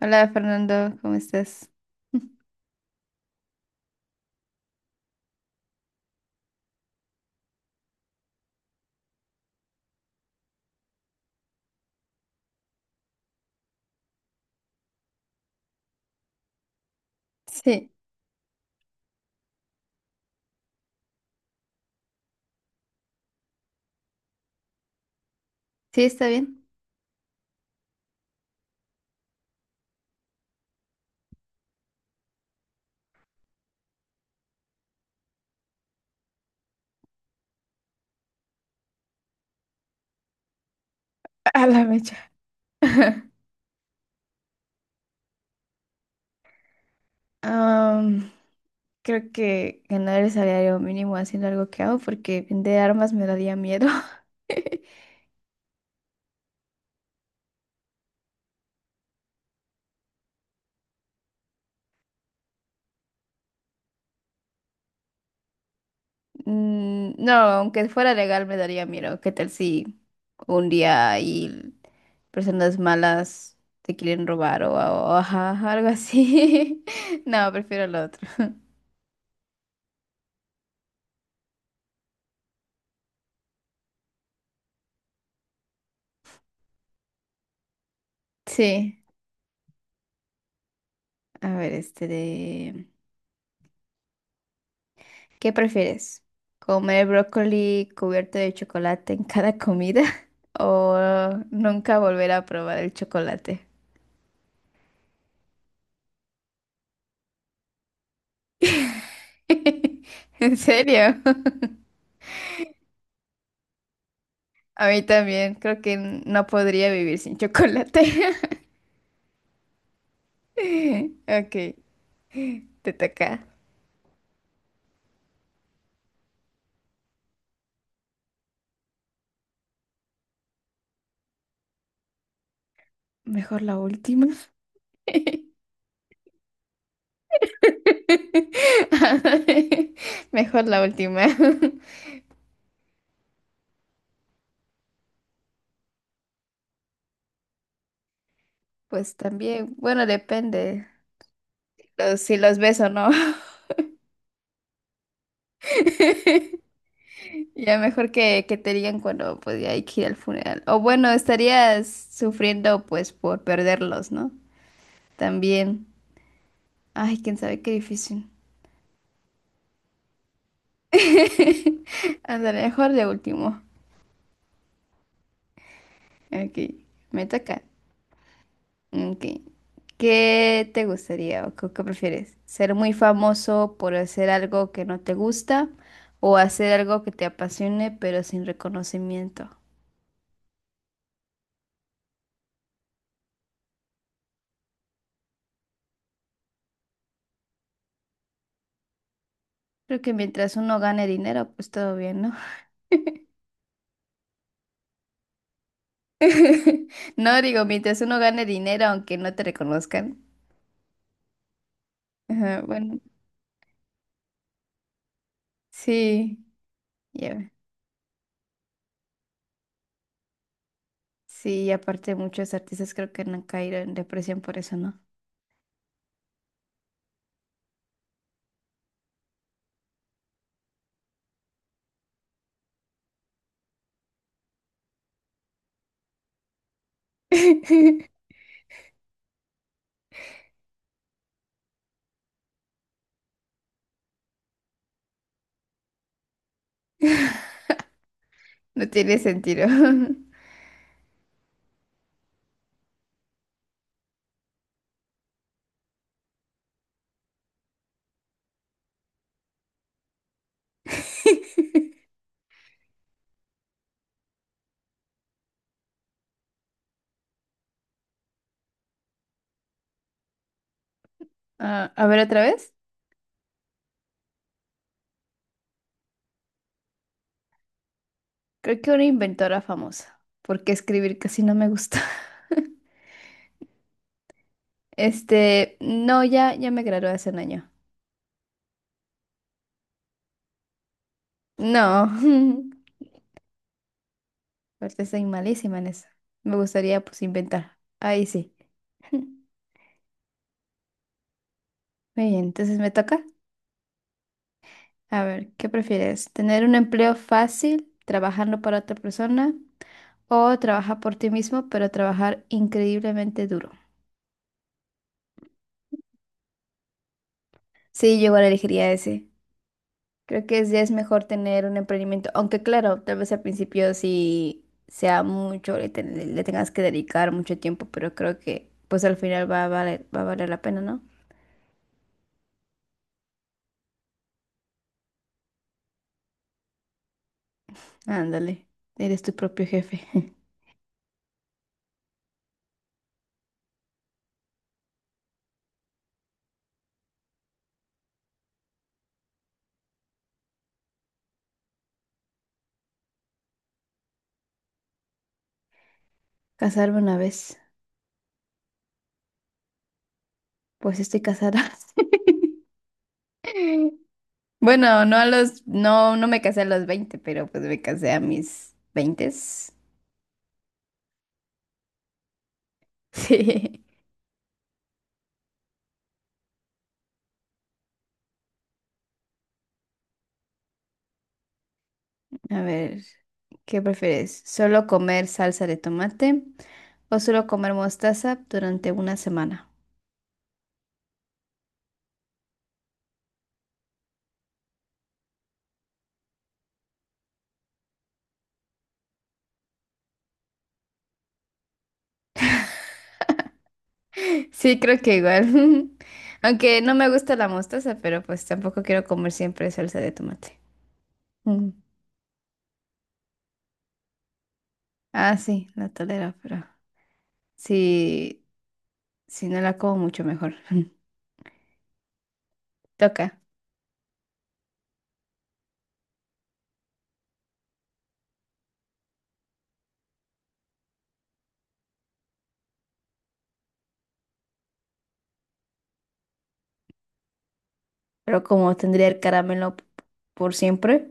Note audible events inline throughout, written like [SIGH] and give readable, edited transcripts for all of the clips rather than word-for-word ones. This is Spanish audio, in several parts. Hola Fernando, ¿cómo estás? [LAUGHS] Sí, sí, está bien. A la mecha. [LAUGHS] Am, creo que ganar el salario mínimo haciendo algo que hago porque vender armas me daría miedo. [LAUGHS] No, aunque fuera legal me daría miedo. ¿Qué tal si un día hay personas malas te quieren robar ajá, algo así? [LAUGHS] No, prefiero lo otro. Sí, a ver, este de... ¿Qué prefieres? ¿Comer brócoli cubierto de chocolate en cada comida [LAUGHS] o nunca volver a probar el chocolate? [LAUGHS] ¿En serio? [LAUGHS] A mí también, creo que no podría vivir sin chocolate. [LAUGHS] Ok, te toca. Mejor la última. [LAUGHS] Mejor la última. [LAUGHS] Pues también, bueno, depende si los ves o no. [LAUGHS] Ya mejor que te digan cuando pues ya hay que ir al funeral. O bueno, estarías sufriendo pues por perderlos, ¿no? También. Ay, quién sabe qué difícil. [LAUGHS] Ándale, mejor de último. Ok, me toca. Ok. ¿Qué te gustaría o qué prefieres? ¿Ser muy famoso por hacer algo que no te gusta o hacer algo que te apasione pero sin reconocimiento? Creo que mientras uno gane dinero, pues todo bien, ¿no? [LAUGHS] No, digo, mientras uno gane dinero, aunque no te reconozcan. Ajá, bueno, sí, ya. Sí, y aparte muchos artistas creo que han caído en depresión por eso, ¿no? [LAUGHS] No tiene sentido. [LAUGHS] Ah, a ver, otra vez. Creo que una inventora famosa, porque escribir casi no me gusta. [LAUGHS] Este, no, ya, ya me gradué hace un año. No, [LAUGHS] aparte soy malísima en eso. Me gustaría, pues, inventar. Ahí sí. [LAUGHS] Muy bien, entonces me toca. A ver, ¿qué prefieres? ¿Tener un empleo fácil trabajando para otra persona o trabajar por ti mismo pero trabajar increíblemente duro? Sí, yo igual elegiría ese. Creo que es, ya es mejor tener un emprendimiento, aunque claro, tal vez al principio sí sea mucho, le tengas que dedicar mucho tiempo, pero creo que pues al final va a valer la pena, ¿no? Ándale, eres tu propio jefe. [LAUGHS] Casarme una vez, pues estoy casada. [LAUGHS] Bueno, no, no me casé a los 20, pero pues me casé a mis 20. [LAUGHS] Sí. A ver, ¿qué prefieres? ¿Solo comer salsa de tomate o solo comer mostaza durante una semana? [LAUGHS] Sí, creo que igual. [LAUGHS] Aunque no me gusta la mostaza, pero pues tampoco quiero comer siempre salsa de tomate. Mm. Ah, sí, la tolero, pero sí, si no la como mucho mejor. [LAUGHS] Toca, pero como tendría el por siempre.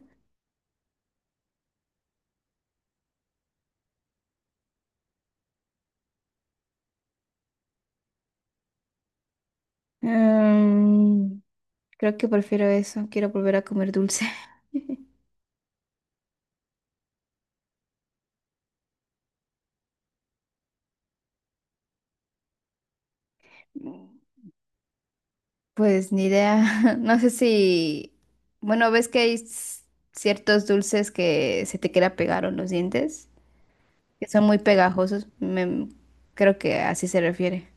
Mm, creo que prefiero eso. Quiero volver a comer dulce. [LAUGHS] Pues ni idea. [LAUGHS] No sé si... Bueno, ves que ciertos dulces que se te queda pegado en los dientes, que son muy pegajosos. Creo que así se refiere.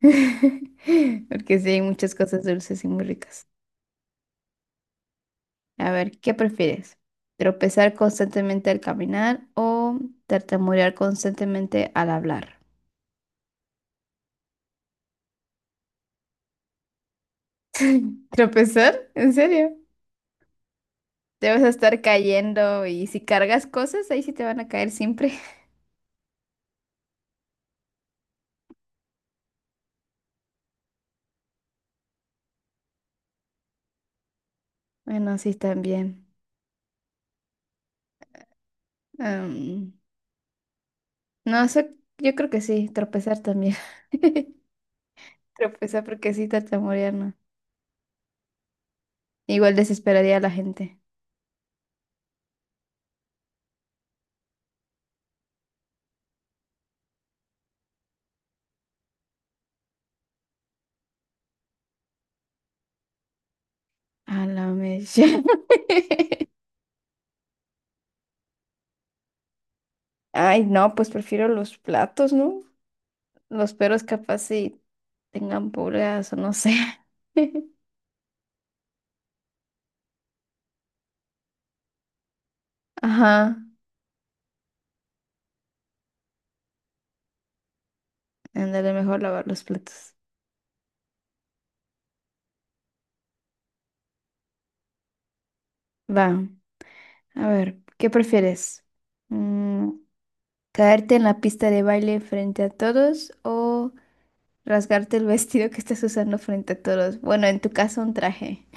[LAUGHS] Porque sí, hay muchas cosas dulces y muy ricas. A ver, ¿qué prefieres? ¿Tropezar constantemente al caminar o tartamudear constantemente al hablar? ¿Tropezar? ¿En serio? Debes estar cayendo y si cargas cosas, ahí sí te van a caer siempre. [LAUGHS] Bueno, sí, también. Am, no, eso, yo creo que sí, tropezar también. [LAUGHS] Tropezar porque sí, tartamudear, no. Igual desesperaría a la gente. A la mecha. [LAUGHS] Ay, no, pues prefiero los platos, ¿no? Los perros capaz si tengan pulgas o no sé. [LAUGHS] Ajá, ándale, mejor lavar los platos. Va, a ver, ¿qué prefieres? Mm, ¿Caerte en la pista de baile frente a todos o rasgarte el vestido que estás usando frente a todos? Bueno, en tu caso un traje.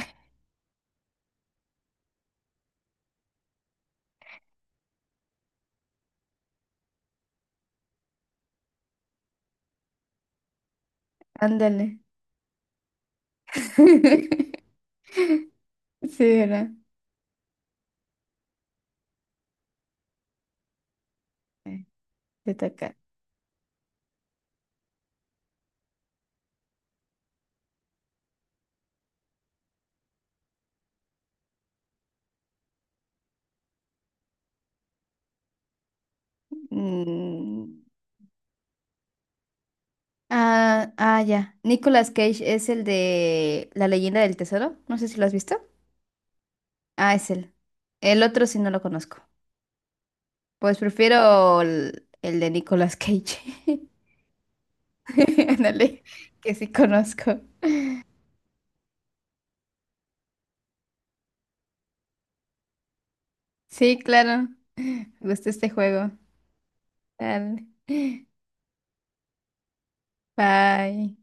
Ándale. [LAUGHS] Sí, ¿verdad? Eh, Te toca. Mm. Ah, ah, ya. Nicolas Cage es el de La leyenda del tesoro. No sé si lo has visto. Ah, es él. El otro sí no lo conozco. Pues prefiero el de Nicolas Cage. [LAUGHS] Ándale, que sí conozco. Sí, claro. Me gusta este juego. Dale. [LAUGHS] Bye.